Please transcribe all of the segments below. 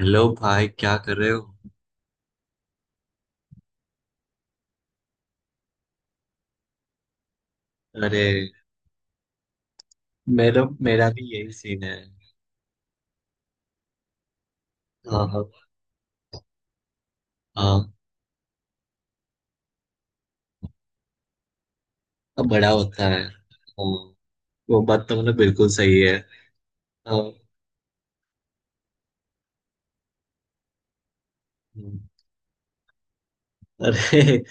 Hello भाई, क्या कर रहे हो? अरे, मेरा मेरा भी यही सीन है। हाँ, हाँ, हाँ। अब बड़ा होता है, हाँ। वो बात तो मतलब बिल्कुल सही है। हाँ। हम्म। अरे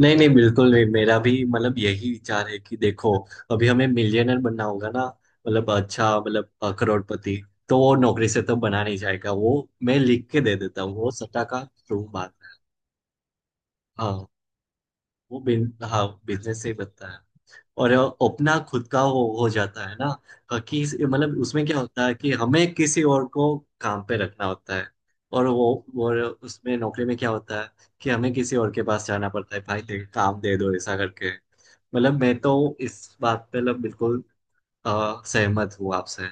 नहीं नहीं, बिल्कुल नहीं, मेरा भी मतलब यही विचार है कि देखो, अभी हमें मिलियनर बनना होगा ना। मतलब अच्छा मतलब करोड़पति। तो वो नौकरी से तो बना नहीं जाएगा वो। मैं लिख के दे देता हूँ वो सट्टा का, ट्रू बात है। हाँ, वो बिन हाँ बिजनेस से ही बनता है। और अपना खुद का हो जाता है ना। कि मतलब उसमें क्या होता है कि हमें किसी और को काम पे रखना होता है। और वो, और उसमें नौकरी में क्या होता है कि हमें किसी और के पास जाना पड़ता है, भाई काम दे दो ऐसा करके। मतलब मैं तो इस बात पे मतलब बिल्कुल सहमत हूँ आपसे।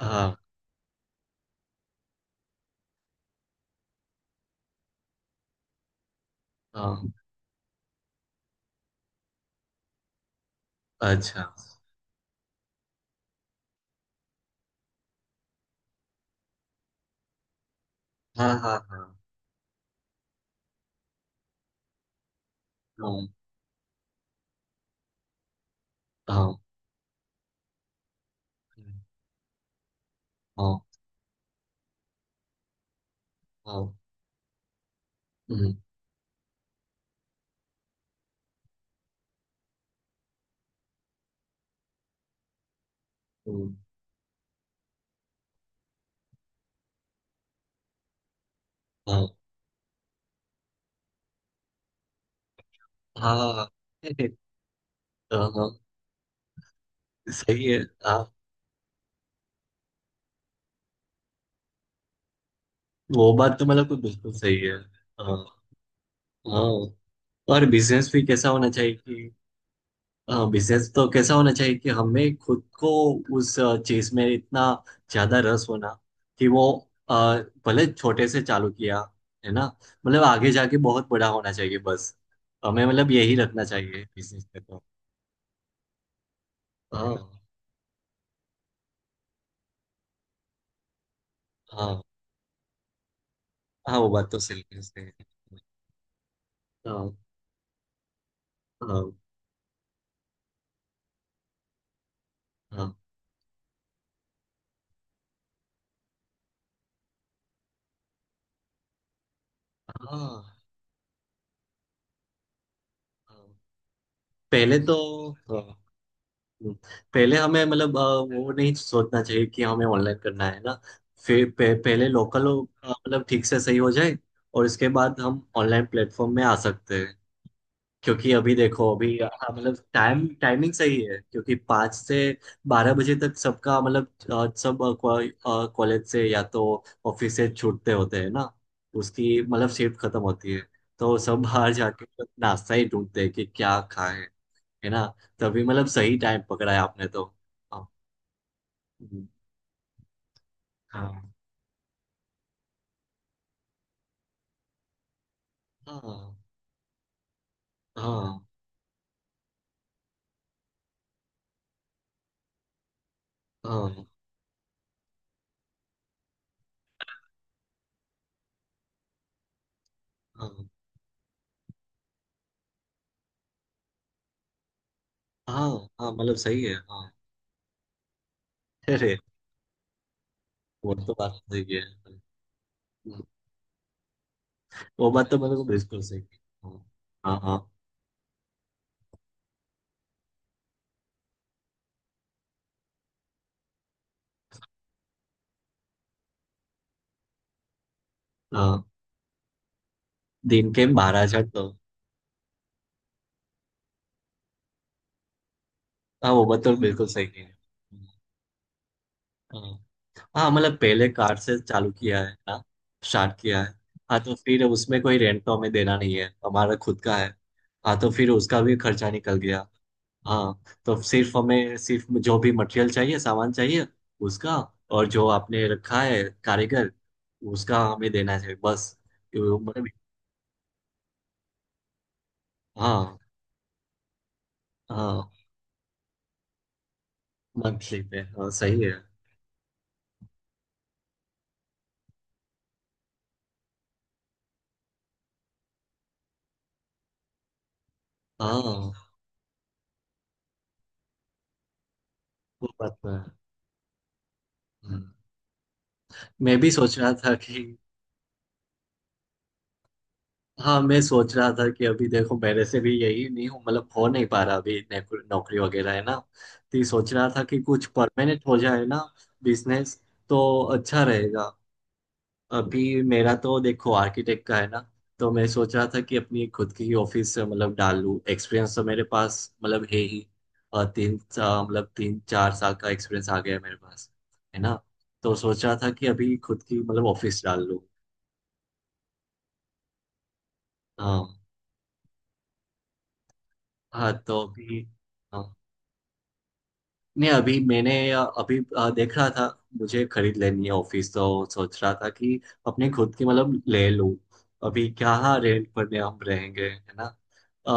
हाँ, हाँ। अच्छा। हाँ, हाँ, हाँ। हाँ, हाँ, हाँ। हाँ। हम्म। हम्म। हाँ, हाँ, हाँ, हाँ। सही है। हाँ, वो बात तो मतलब कोई बिल्कुल सही है। हाँ, हाँ। और बिजनेस भी कैसा होना चाहिए कि, हाँ बिजनेस तो कैसा होना चाहिए कि हमें खुद को उस चीज में इतना ज्यादा रस होना कि वो अ, भले छोटे से चालू किया, है ना। मतलब आगे जाके बहुत बड़ा होना चाहिए, बस हमें मतलब यही रखना चाहिए बिजनेस में तो। हाँ, हाँ, हाँ। वो बात तो सही है, सही है। हाँ, हाँ, हाँ, हाँ, हाँ। पहले तो, हम्म, पहले हमें मतलब वो नहीं सोचना चाहिए कि हमें ऑनलाइन करना है ना। फिर पहले लोकल मतलब ठीक से सही हो जाए, और इसके बाद हम ऑनलाइन प्लेटफॉर्म में आ सकते हैं। क्योंकि अभी देखो अभी हाँ, मतलब टाइमिंग सही है, क्योंकि पाँच से बारह बजे तक सबका मतलब सब कॉलेज से या तो ऑफिस से छूटते होते हैं ना, उसकी मतलब शिफ्ट खत्म होती है, तो सब बाहर जाके नाश्ता ही ढूंढते हैं कि क्या खाएं। है ना। तभी मतलब सही टाइम पकड़ा है आपने तो। हाँ, हाँ, हाँ, हाँ, हाँ, हाँ, हाँ। हाँ, मतलब सही है हाँ। अरे, वो तो बात सही है। हम्म। वो बात तो मेरे को बिल्कुल सही है। हाँ, हाँ, हाँ। हाँ, दिन के बारह हजार तो। हाँ वो बात तो बिल्कुल सही है। हाँ, हाँ मतलब पहले कार्ड से चालू किया है ना, स्टार्ट किया है। हाँ तो फिर उसमें कोई रेंट तो हमें देना नहीं है, हमारा खुद का है। हाँ तो फिर उसका भी खर्चा निकल गया। हाँ, तो सिर्फ हमें सिर्फ जो भी मटेरियल चाहिए, सामान चाहिए उसका, और जो आपने रखा है कारीगर उसका हमें देना चाहिए, बस। मतलब। हाँ, हाँ। मंथली पे, हाँ सही है। हाँ वो बात तो है। हम्म। मैं भी सोच रहा था कि, हाँ मैं सोच रहा था कि अभी देखो मेरे से भी यही नहीं हूँ मतलब हो नहीं पा रहा, अभी नौकरी नौकरी वगैरह है ना। तो ये सोच रहा था कि कुछ परमानेंट हो जाए ना, बिजनेस तो अच्छा रहेगा। अभी मेरा तो देखो आर्किटेक्ट का है ना, तो मैं सोच रहा था कि अपनी खुद की ही ऑफिस मतलब डाल लूँ, एक्सपीरियंस तो मेरे पास मतलब है ही। मतलब तीन चार साल का एक्सपीरियंस आ गया है मेरे पास, है ना। तो सोच रहा था कि अभी खुद की मतलब ऑफिस डाल लूँ। हाँ, हाँ तो अभी, हाँ। नहीं, अभी मैंने अभी देख रहा था, मुझे खरीद लेनी है ऑफिस, तो सोच रहा था कि अपने खुद की मतलब ले लूं। अभी क्या, रेंट पर में हम रहेंगे है ना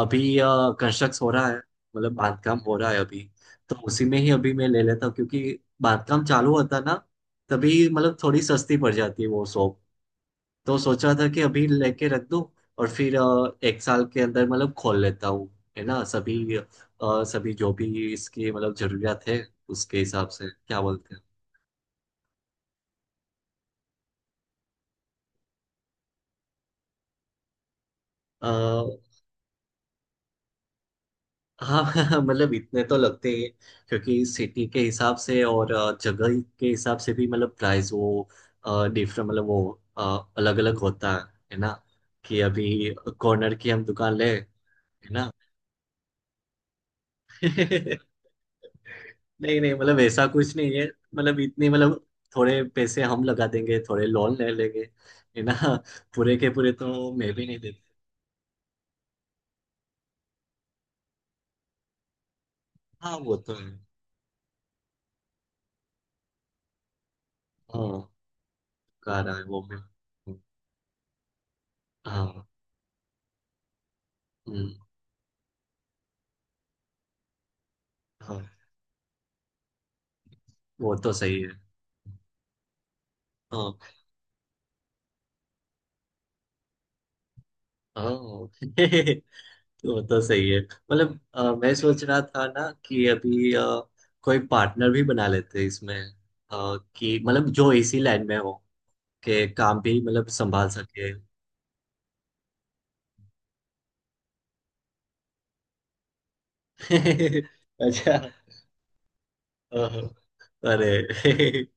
अभी। कंस्ट्रक्ट हो रहा है मतलब बांधकाम हो रहा है अभी, तो उसी में ही अभी मैं ले लेता हूँ, क्योंकि बांधकाम चालू होता ना, तभी मतलब थोड़ी सस्ती पड़ जाती है वो शॉप। तो सोच रहा था कि अभी लेके रख दूं, और फिर एक साल के अंदर मतलब खोल लेता हूँ, है ना सभी। और सभी जो भी इसकी मतलब जरूरियात है उसके हिसाब से, क्या बोलते हैं। अ, हाँ मतलब इतने तो लगते ही हैं, क्योंकि सिटी के हिसाब से और जगह के हिसाब से भी मतलब प्राइस वो डिफरेंट मतलब वो अलग अलग होता है ना। कि अभी कॉर्नर की हम दुकान ले, है ना। नहीं नहीं, मतलब ऐसा कुछ नहीं है, मतलब इतनी मतलब थोड़े पैसे हम लगा देंगे, थोड़े लोन ले लेंगे, है ना। पूरे के पूरे तो मैं भी नहीं देता। हाँ वो तो है। हाँ गा रहा है वो मैं। हाँ, हम्म। हाँ वो तो सही है। हाँ, हाँ वो तो सही है मतलब मैं सोच रहा था ना कि अभी कोई पार्टनर भी बना लेते इसमें। कि मतलब जो इसी लाइन में हो के काम भी मतलब संभाल सके। अच्छा। अ, अरे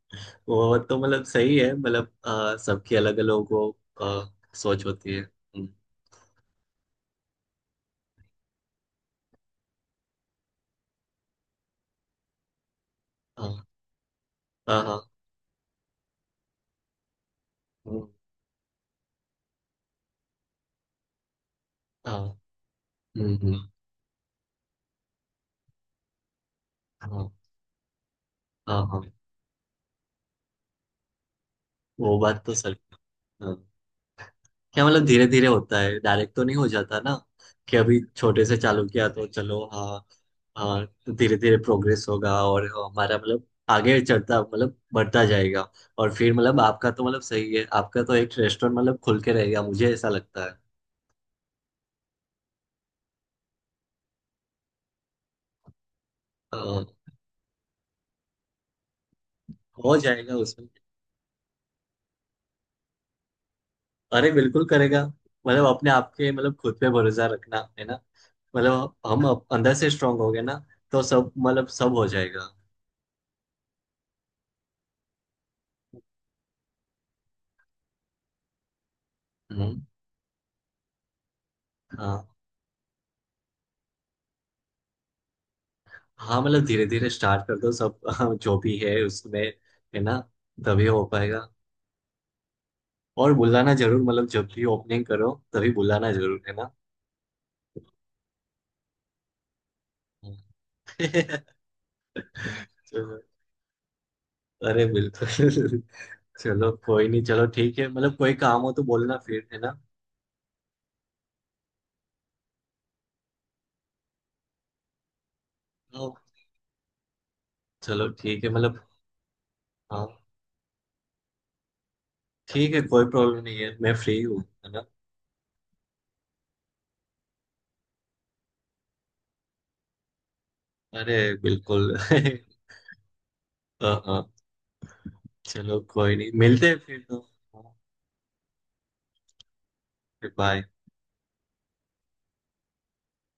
वो तो मतलब सही है, मतलब सबकी अलग अलग वो अ, सोच होती है। हम्म। हाँ, हाँ, हाँ। हम्म। हाँ। हम्म, हम्म। हाँ, हाँ, हाँ। वो बात तो सर। हाँ। क्या मतलब धीरे धीरे होता है, डायरेक्ट तो नहीं हो जाता ना। कि अभी छोटे से चालू किया तो चलो, हाँ। हाँ, तो धीरे धीरे प्रोग्रेस होगा, और हमारा मतलब आगे चढ़ता मतलब बढ़ता जाएगा। और फिर मतलब आपका तो मतलब सही है, आपका तो एक रेस्टोरेंट मतलब खुल के रहेगा, मुझे ऐसा लगता है। हाँ। हो जाएगा उसमें। अरे, बिल्कुल करेगा। मतलब अपने आप के मतलब खुद पे भरोसा रखना है ना, मतलब हम अंदर से स्ट्रांग हो गए ना, तो सब मतलब सब हो जाएगा। हम्म। हाँ, हाँ मतलब धीरे धीरे स्टार्ट कर दो सब, हाँ, जो भी है उसमें, है ना, तभी हो पाएगा। और बुलाना जरूर, मतलब जब भी ओपनिंग करो तभी बुलाना जरूर, है ना। चलो। अरे बिल्कुल। चलो, कोई नहीं, चलो ठीक है मतलब, कोई काम हो तो बोलना फिर, है ना। हाँ, चलो ठीक है मतलब। हाँ ठीक है, कोई प्रॉब्लम नहीं है, मैं फ्री हूँ, है ना। अरे, बिल्कुल हाँ, हाँ। चलो कोई नहीं, मिलते हैं फिर तो। हाँ, फिर बाय।